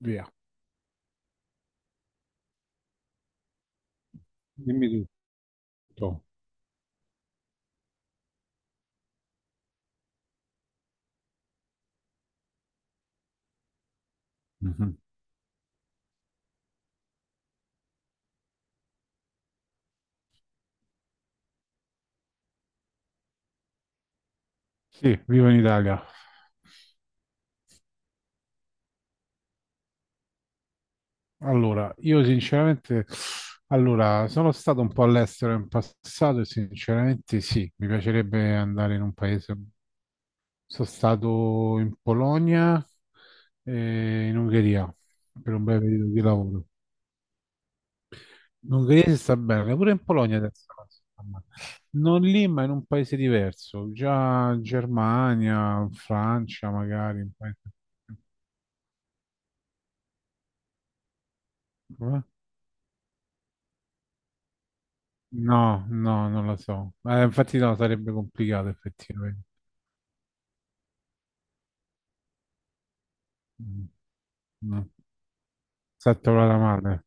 Via. Dimmi tutto. Mhm. Sì, vivo in Italia. Allora, io sinceramente, allora, sono stato un po' all'estero in passato e sinceramente sì, mi piacerebbe andare in un paese. Sono stato in Polonia e in Ungheria per un bel periodo di lavoro. In Ungheria si sta bene, pure in Polonia adesso. Insomma. Non lì, ma in un paese diverso, già Germania, Francia magari. Un paese... Eh? No, no, non lo so. Infatti no, sarebbe complicato effettivamente. Mm, no. Esatto, la male.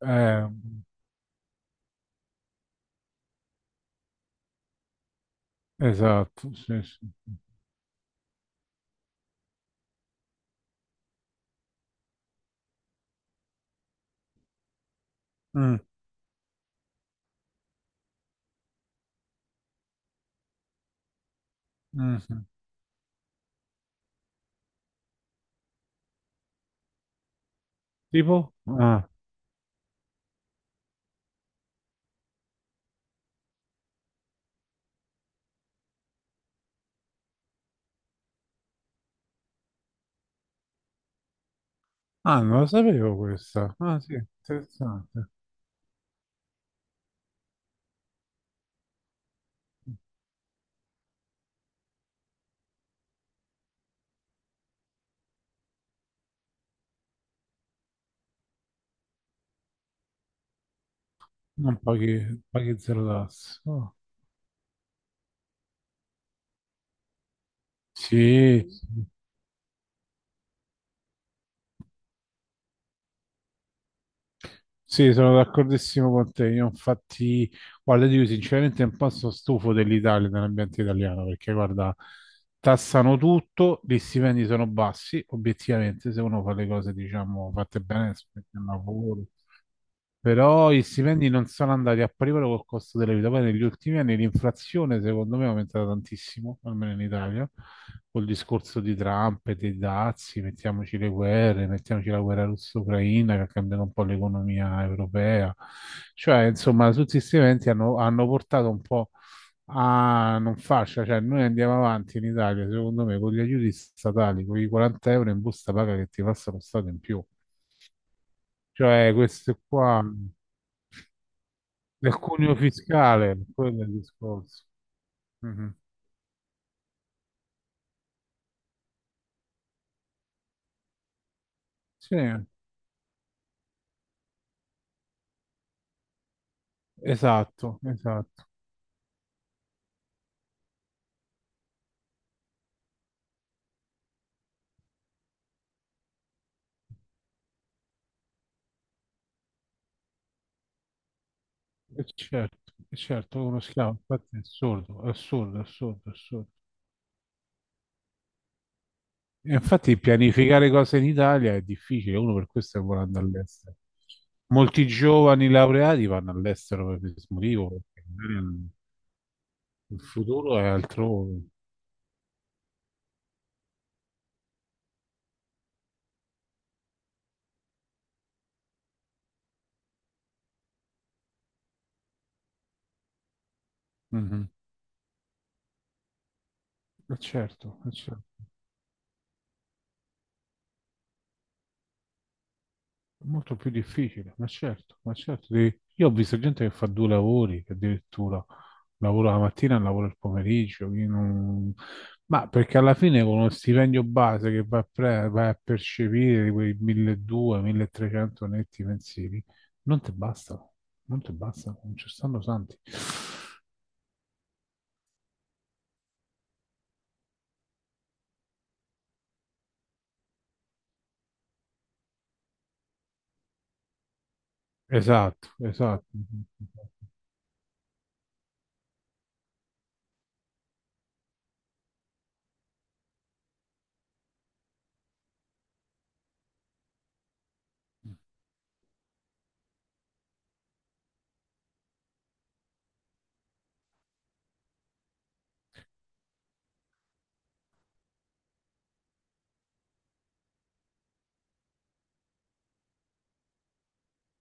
Eh, esatto, sì, sì. Mm, mm, sì. Tipo? Ah, ah, non lo sapevo questa. Ah, sì, interessante. Non paghi, paghi zero tasse. Oh. Sì, sì, sono d'accordissimo con te. Io infatti, guarda, io sinceramente un po' sono stufo dell'Italia, dell'ambiente italiano, perché guarda, tassano tutto, gli stipendi sono bassi, obiettivamente, se uno fa le cose, diciamo, fatte bene, si mette al lavoro. Però i stipendi non sono andati a pari passo col costo della vita. Poi negli ultimi anni l'inflazione, secondo me, è aumentata tantissimo, almeno in Italia, col discorso di Trump e dei dazi, mettiamoci le guerre, mettiamoci la guerra russo-ucraina che ha cambiato un po' l'economia europea. Cioè, insomma, tutti questi eventi hanno portato un po' a non fascia. Cioè, noi andiamo avanti in Italia, secondo me, con gli aiuti statali, con i 40 euro in busta paga che ti passa lo Stato in più. Cioè, questo qua del cuneo fiscale, quello è il discorso. Mhm. Sì, esatto, esatto. E certo, uno schiavo, infatti è assurdo, è assurdo, è assurdo, è assurdo. E infatti pianificare cose in Italia è difficile, uno per questo vuole andare all'estero. Molti giovani laureati vanno all'estero per questo motivo, perché magari il futuro è altrove. Mhm. E certo, e certo. È molto più difficile, ma certo, ma certo. Devi- io ho visto gente che fa due lavori, che addirittura lavora la mattina e lavora il pomeriggio. Io non- ma perché alla fine con uno stipendio base che va a, pre- vai a percepire di quei 1200-1300 netti mensili, non ti bastano, non ti bastano, non ci stanno santi. Esatto, esatto.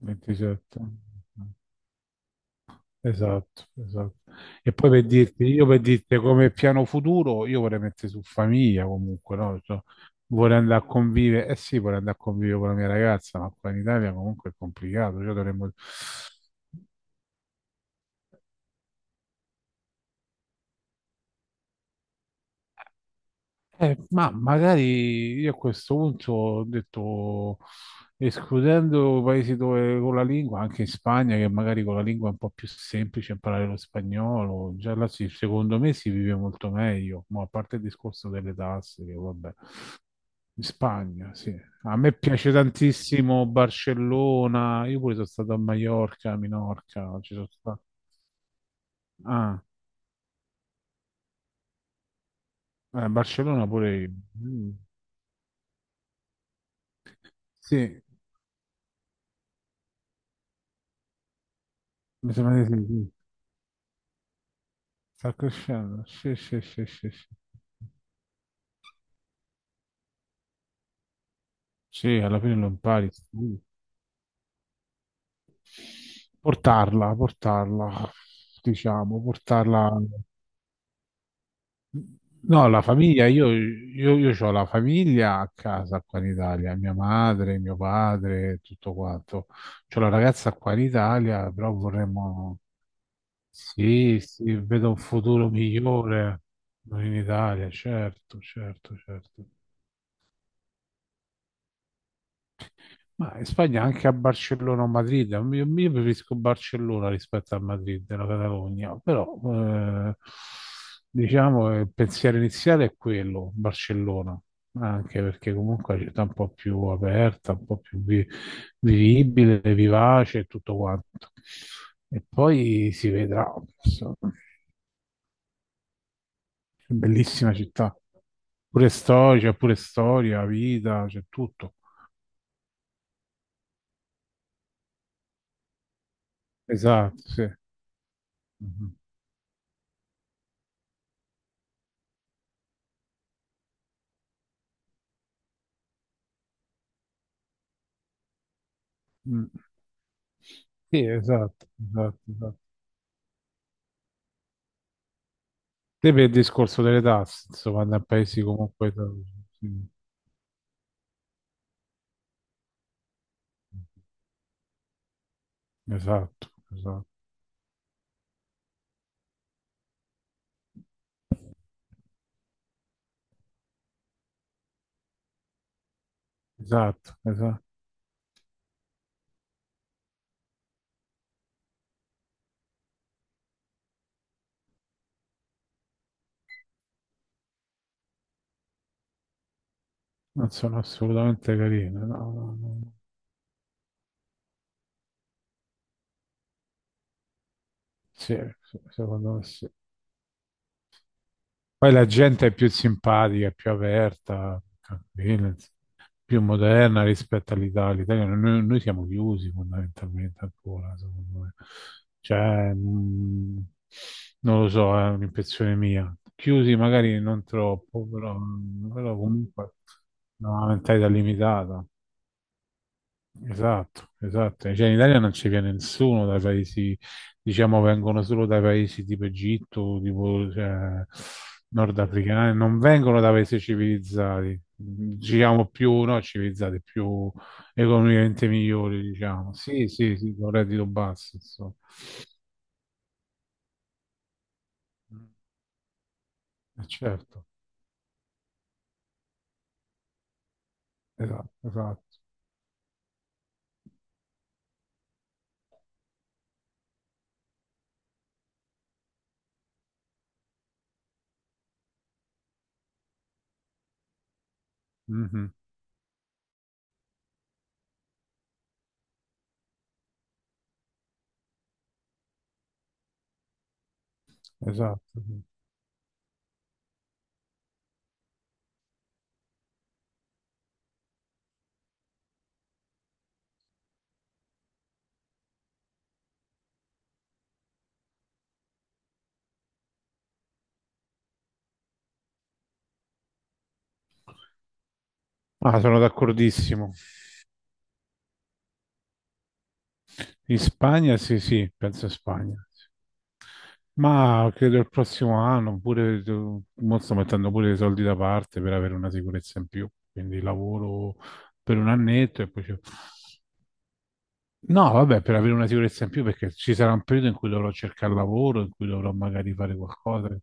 27. Esatto, esatto. E poi per dirti, io per dirti come piano futuro, io vorrei mettere su famiglia comunque, no? Cioè, vorrei andare a convivere, eh sì, vorrei andare a convivere con la mia ragazza, ma qua in Italia comunque è complicato, cioè dovremmo... ma magari io a questo punto ho detto, escludendo paesi dove con la lingua, anche in Spagna, che magari con la lingua è un po' più semplice imparare lo spagnolo, già là si- secondo me si vive molto meglio, ma a parte il discorso delle tasse, che vabbè. In Spagna, sì. A me piace tantissimo Barcellona. Io pure sono stato a Maiorca, a Minorca. Ci sono stato. Ah, Barcellona pure io. Mm. Sì, mi sembra di sì. Sì. Sta crescendo. Sì, sì, sì, sì, sì. Sì, alla fine lo impari. Sì. Portarla, portarla, diciamo, portarla. No, la famiglia, io ho la famiglia a casa qua in Italia, mia madre, mio padre, tutto quanto. C'ho la ragazza qua in Italia, però vorremmo... Sì, sì, vedo un futuro migliore in Italia, certo, certo, certo. Ma in Spagna anche a Barcellona o Madrid, io preferisco Barcellona rispetto a Madrid, la Catalogna, però eh, diciamo il pensiero iniziale è quello, Barcellona, anche perché comunque è una città un po' più aperta, un po' più vi- vivibile, vivace e tutto quanto. E poi si vedrà, insomma, è bellissima città, pure storia, c'è pure storia, vita, c'è tutto. Esatto, sì. Mhm. Mm. Sì, esatto, esatto, esatto. Sì, per il discorso delle tasse, insomma, da paesi comunque... sì, esatto, esatto, esatto, esatto. Non sono assolutamente carine, no, no, no. Sì, sì, secondo me sì. Poi la gente è più simpatica, più aperta, tranquilla, ins- più moderna rispetto all'Italia. L'Italia- noi siamo chiusi fondamentalmente ancora, secondo me. Cioè, non lo so, è un'impressione mia. Chiusi magari non troppo, però, però comunque una mentalità limitata. Esatto, esatto. Cioè, in Italia non ci viene nessuno dai paesi, diciamo, vengono solo dai paesi tipo Egitto, tipo cioè, nordafricani, non vengono da paesi civilizzati, diciamo più, no, civilizzati, più economicamente migliori, diciamo. Sì, sì, sì, con reddito basso, insomma. Certo, esatto, esatto. Mhm, esatto. Sì. Ah, sono d'accordissimo. In Spagna, sì, sì, penso a Spagna. Ma credo il prossimo anno, pure tu- mo sto mettendo pure i soldi da parte per avere una sicurezza in più, quindi lavoro per un annetto e poi... ci- no, vabbè, per avere una sicurezza in più perché ci sarà un periodo in cui dovrò cercare lavoro, in cui dovrò magari fare qualcosa.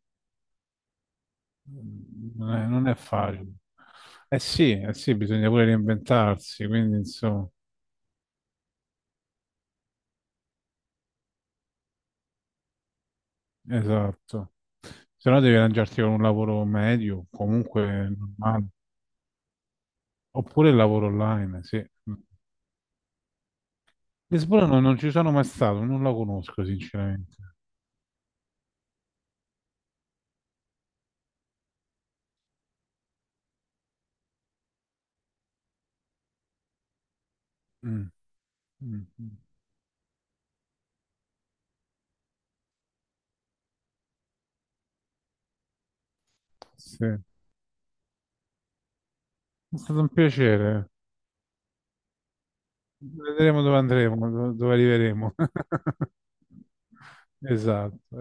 Non è, non è facile. Sì, eh sì, bisogna pure reinventarsi, quindi insomma, esatto. Se no devi arrangiarti con un lavoro medio, comunque normale, oppure il lavoro online, sì. Lisbona no, non ci sono mai stato, non la conosco sinceramente. Mm, mm, mm. Sì. È stato un piacere. Vedremo dove andremo, do- dove arriveremo. Esatto.